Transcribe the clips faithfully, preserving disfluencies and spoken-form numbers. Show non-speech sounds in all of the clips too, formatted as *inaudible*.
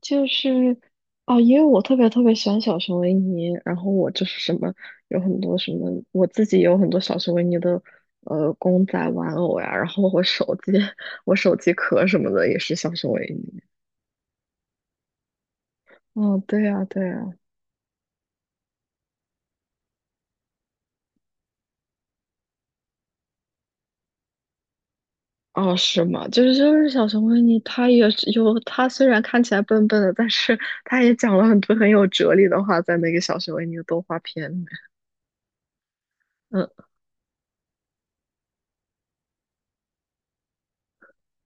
就是哦，因为我特别特别喜欢小熊维尼，然后我就是什么有很多什么，我自己有很多小熊维尼的呃公仔玩偶呀，然后我手机 *laughs* 我手机壳什么的也是小熊维尼。哦，对呀，对呀。哦，是吗？就是就是小熊维尼，他也是有他虽然看起来笨笨的，但是他也讲了很多很有哲理的话，在那个小熊维尼的动画片里。面。嗯。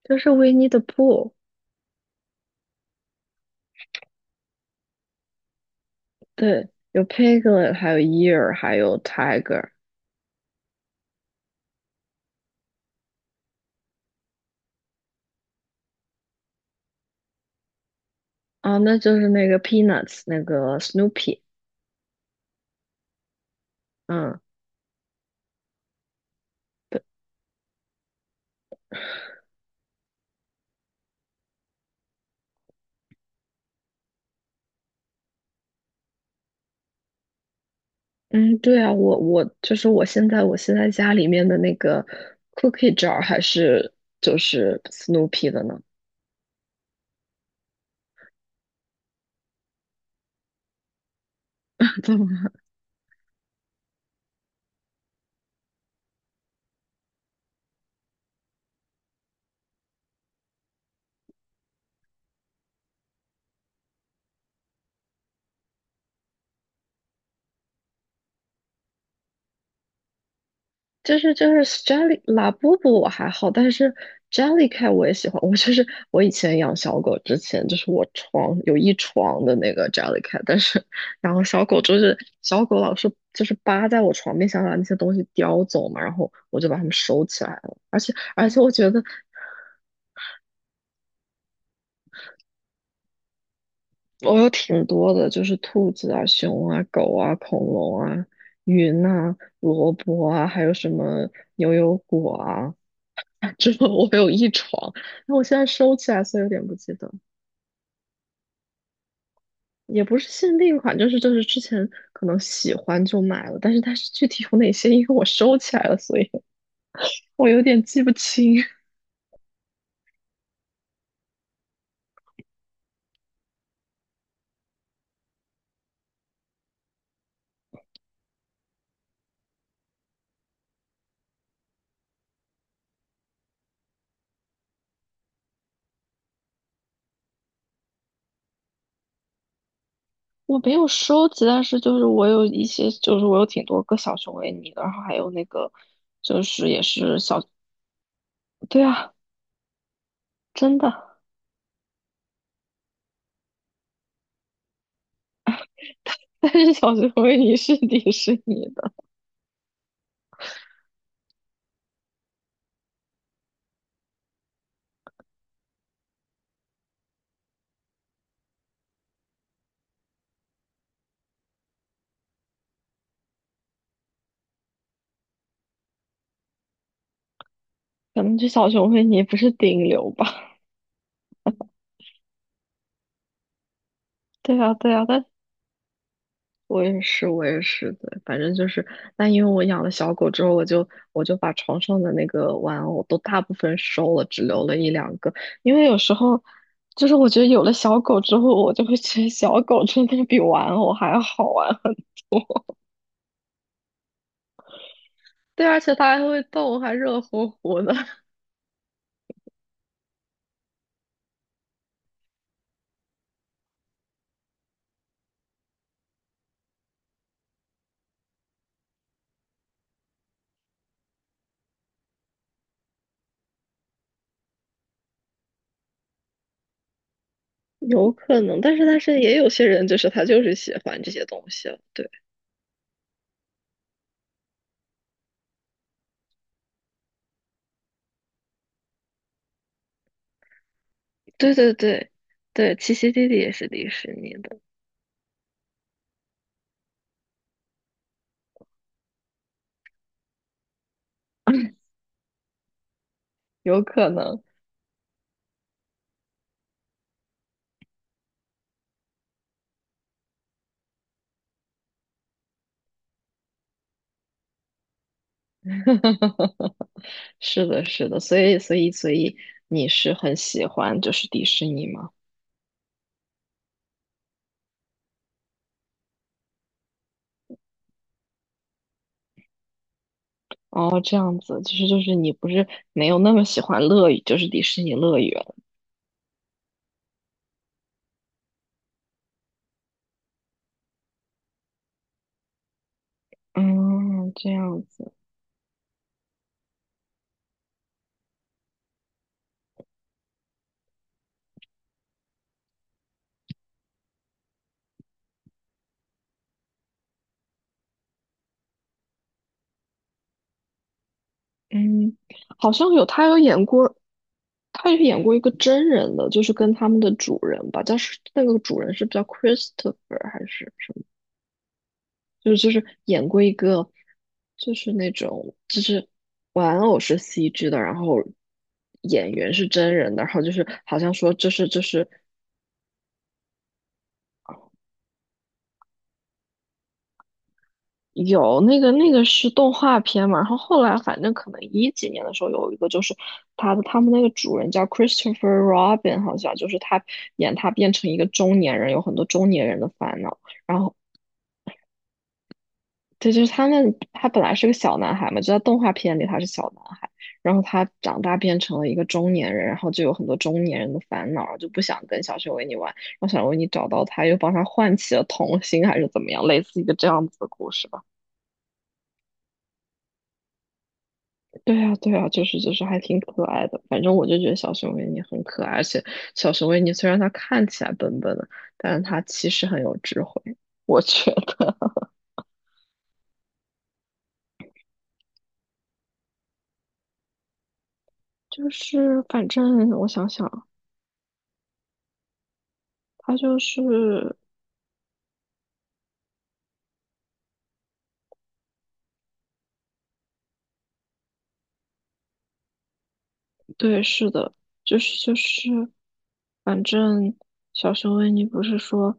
就是维尼的布。对，有 Piglet，还有 Ear,还有 Tiger。啊，那就是那个 Peanuts 那个 Snoopy。嗯，对。嗯，对啊，我我就是我现在我现在家里面的那个 cookie jar 还是就是 Snoopy 的呢。*laughs* 就是就是 Jelly 拉布布我还好，但是 Jellycat 我也喜欢。我就是我以前养小狗之前，就是我床有一床的那个 Jellycat，但是然后小狗就是小狗老是就是扒在我床边，想把那些东西叼走嘛，然后我就把它们收起来了。而且而且我觉得我有挺多的，就是兔子啊、熊啊、狗啊、恐龙啊、云啊、萝卜啊，还有什么牛油果啊。*laughs* 之后我有一床，那我现在收起来，所以有点不记得。也不是限定款，就是就是之前可能喜欢就买了，但是它是具体有哪些，因为我收起来了，所以我有点记不清。*laughs* 我没有收集，但是就是我有一些，就是我有挺多个小熊维尼的，然后还有那个就是也是小。对啊，真的。*laughs* 但是小熊维尼是 *laughs* 迪士尼的。可能这小熊维尼不是顶流吧？*laughs* 对啊，对啊。但我也是，我也是，对，反正就是，那因为我养了小狗之后，我就我就把床上的那个玩偶都大部分收了，只留了一两个。因为有时候，就是我觉得有了小狗之后，我就会觉得小狗真的比玩偶还要好玩。*laughs* 对，而且它还会动，还热乎乎的。*laughs* 有可能，但是但是也有些人就是他就是喜欢这些东西了。对。对对对对，七奇弟弟也是迪士尼的。有可能。*laughs* 是的，是的。所以，所以，所以你是很喜欢就是迪士尼吗？哦，这样子，就是就是你不是没有那么喜欢乐园，就是迪士尼乐园。嗯，这样子。嗯，好像有，他有演过。他有演过一个真人的，就是跟他们的主人吧，但是那个主人是不是叫 Christopher 还是？就是就是演过一个，就是那种就是玩偶是 C G 的，然后演员是真人的，然后就是好像说这是这是有，那个那个是动画片嘛，然后后来反正可能一几年的时候有一个，就是他的他们那个主人叫 Christopher Robin，好像就是他演他变成一个中年人，有很多中年人的烦恼，然后对，就是他们，他本来是个小男孩嘛，就在动画片里他是小男孩，然后他长大变成了一个中年人，然后就有很多中年人的烦恼，就不想跟小熊维尼玩，然后小熊维尼找到他，又帮他唤起了童心，还是怎么样，类似一个这样子的故事吧。对啊，对啊，就是就是还挺可爱的，反正我就觉得小熊维尼很可爱，而且小熊维尼虽然他看起来笨笨的，但是他其实很有智慧，我觉得。*laughs* 就是反正我想想，他就是。对，是的，就是就是，反正小熊维尼不是说，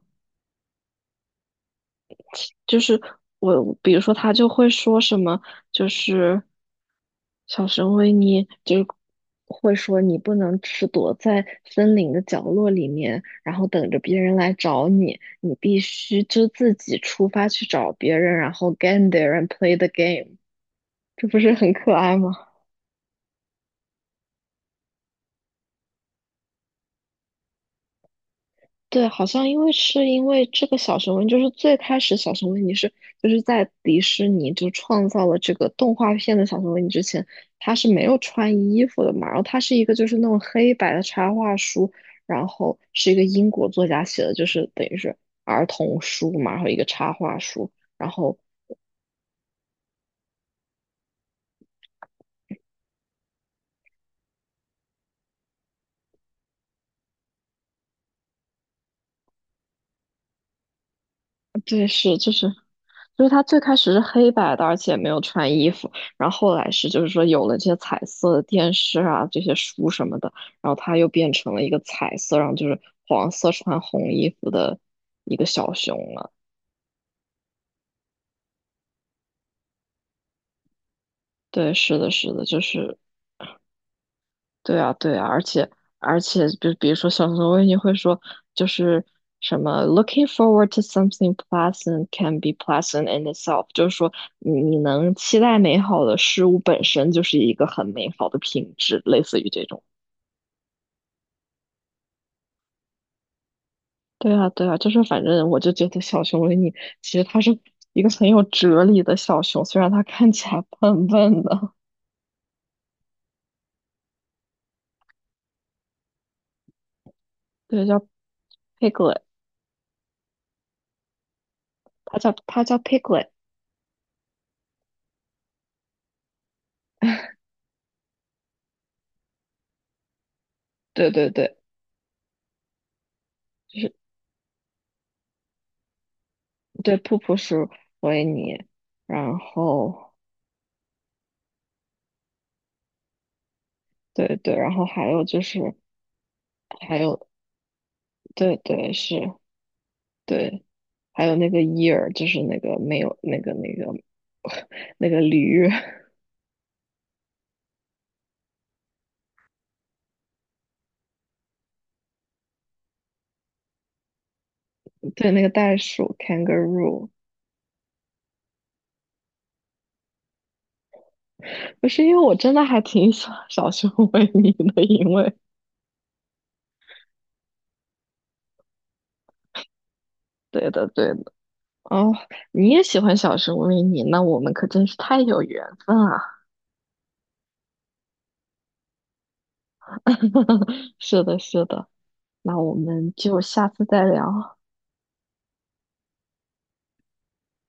就是我，比如说他就会说什么，就是小熊维尼就会说你不能只躲在森林的角落里面，然后等着别人来找你，你必须就自己出发去找别人，然后 get there and play the game，这不是很可爱吗？对，好像因为是因为这个小熊维尼，就是最开始小熊维尼是就是在迪士尼就创造了这个动画片的小熊维尼之前，他是没有穿衣服的嘛，然后他是一个就是那种黑白的插画书，然后是一个英国作家写的，就是等于是儿童书嘛，然后一个插画书，然后对，是就是，就是他最开始是黑白的，而且没有穿衣服，然后后来是就是说有了这些彩色的电视啊，这些书什么的，然后他又变成了一个彩色，然后就是黄色穿红衣服的一个小熊了。对，是的，是的，就是对啊，对啊，而且而且，就比如说小熊维尼会说，就是什么 "looking forward to something pleasant can be pleasant in itself"，就是说你你能期待美好的事物本身就是一个很美好的品质，类似于这种。对啊，对啊，就是反正我就觉得小熊维尼其实他是一个很有哲理的小熊，虽然他看起来 *laughs* 笨笨的。对，叫 Piglet，他叫他叫 Piglet。对对对。对，瀑布是维尼。然后对对，然后还有就是还有对对是，对，还有那个伊尔，就是那个没有那个那个 *laughs* 那个驴。*laughs* 对，那个袋鼠 kangaroo。不是因为我真的还挺喜欢小熊维尼的，因为对的对的。哦，你也喜欢小熊维尼，那我们可真是太有缘分啊！*laughs* 是的是的，那我们就下次再聊。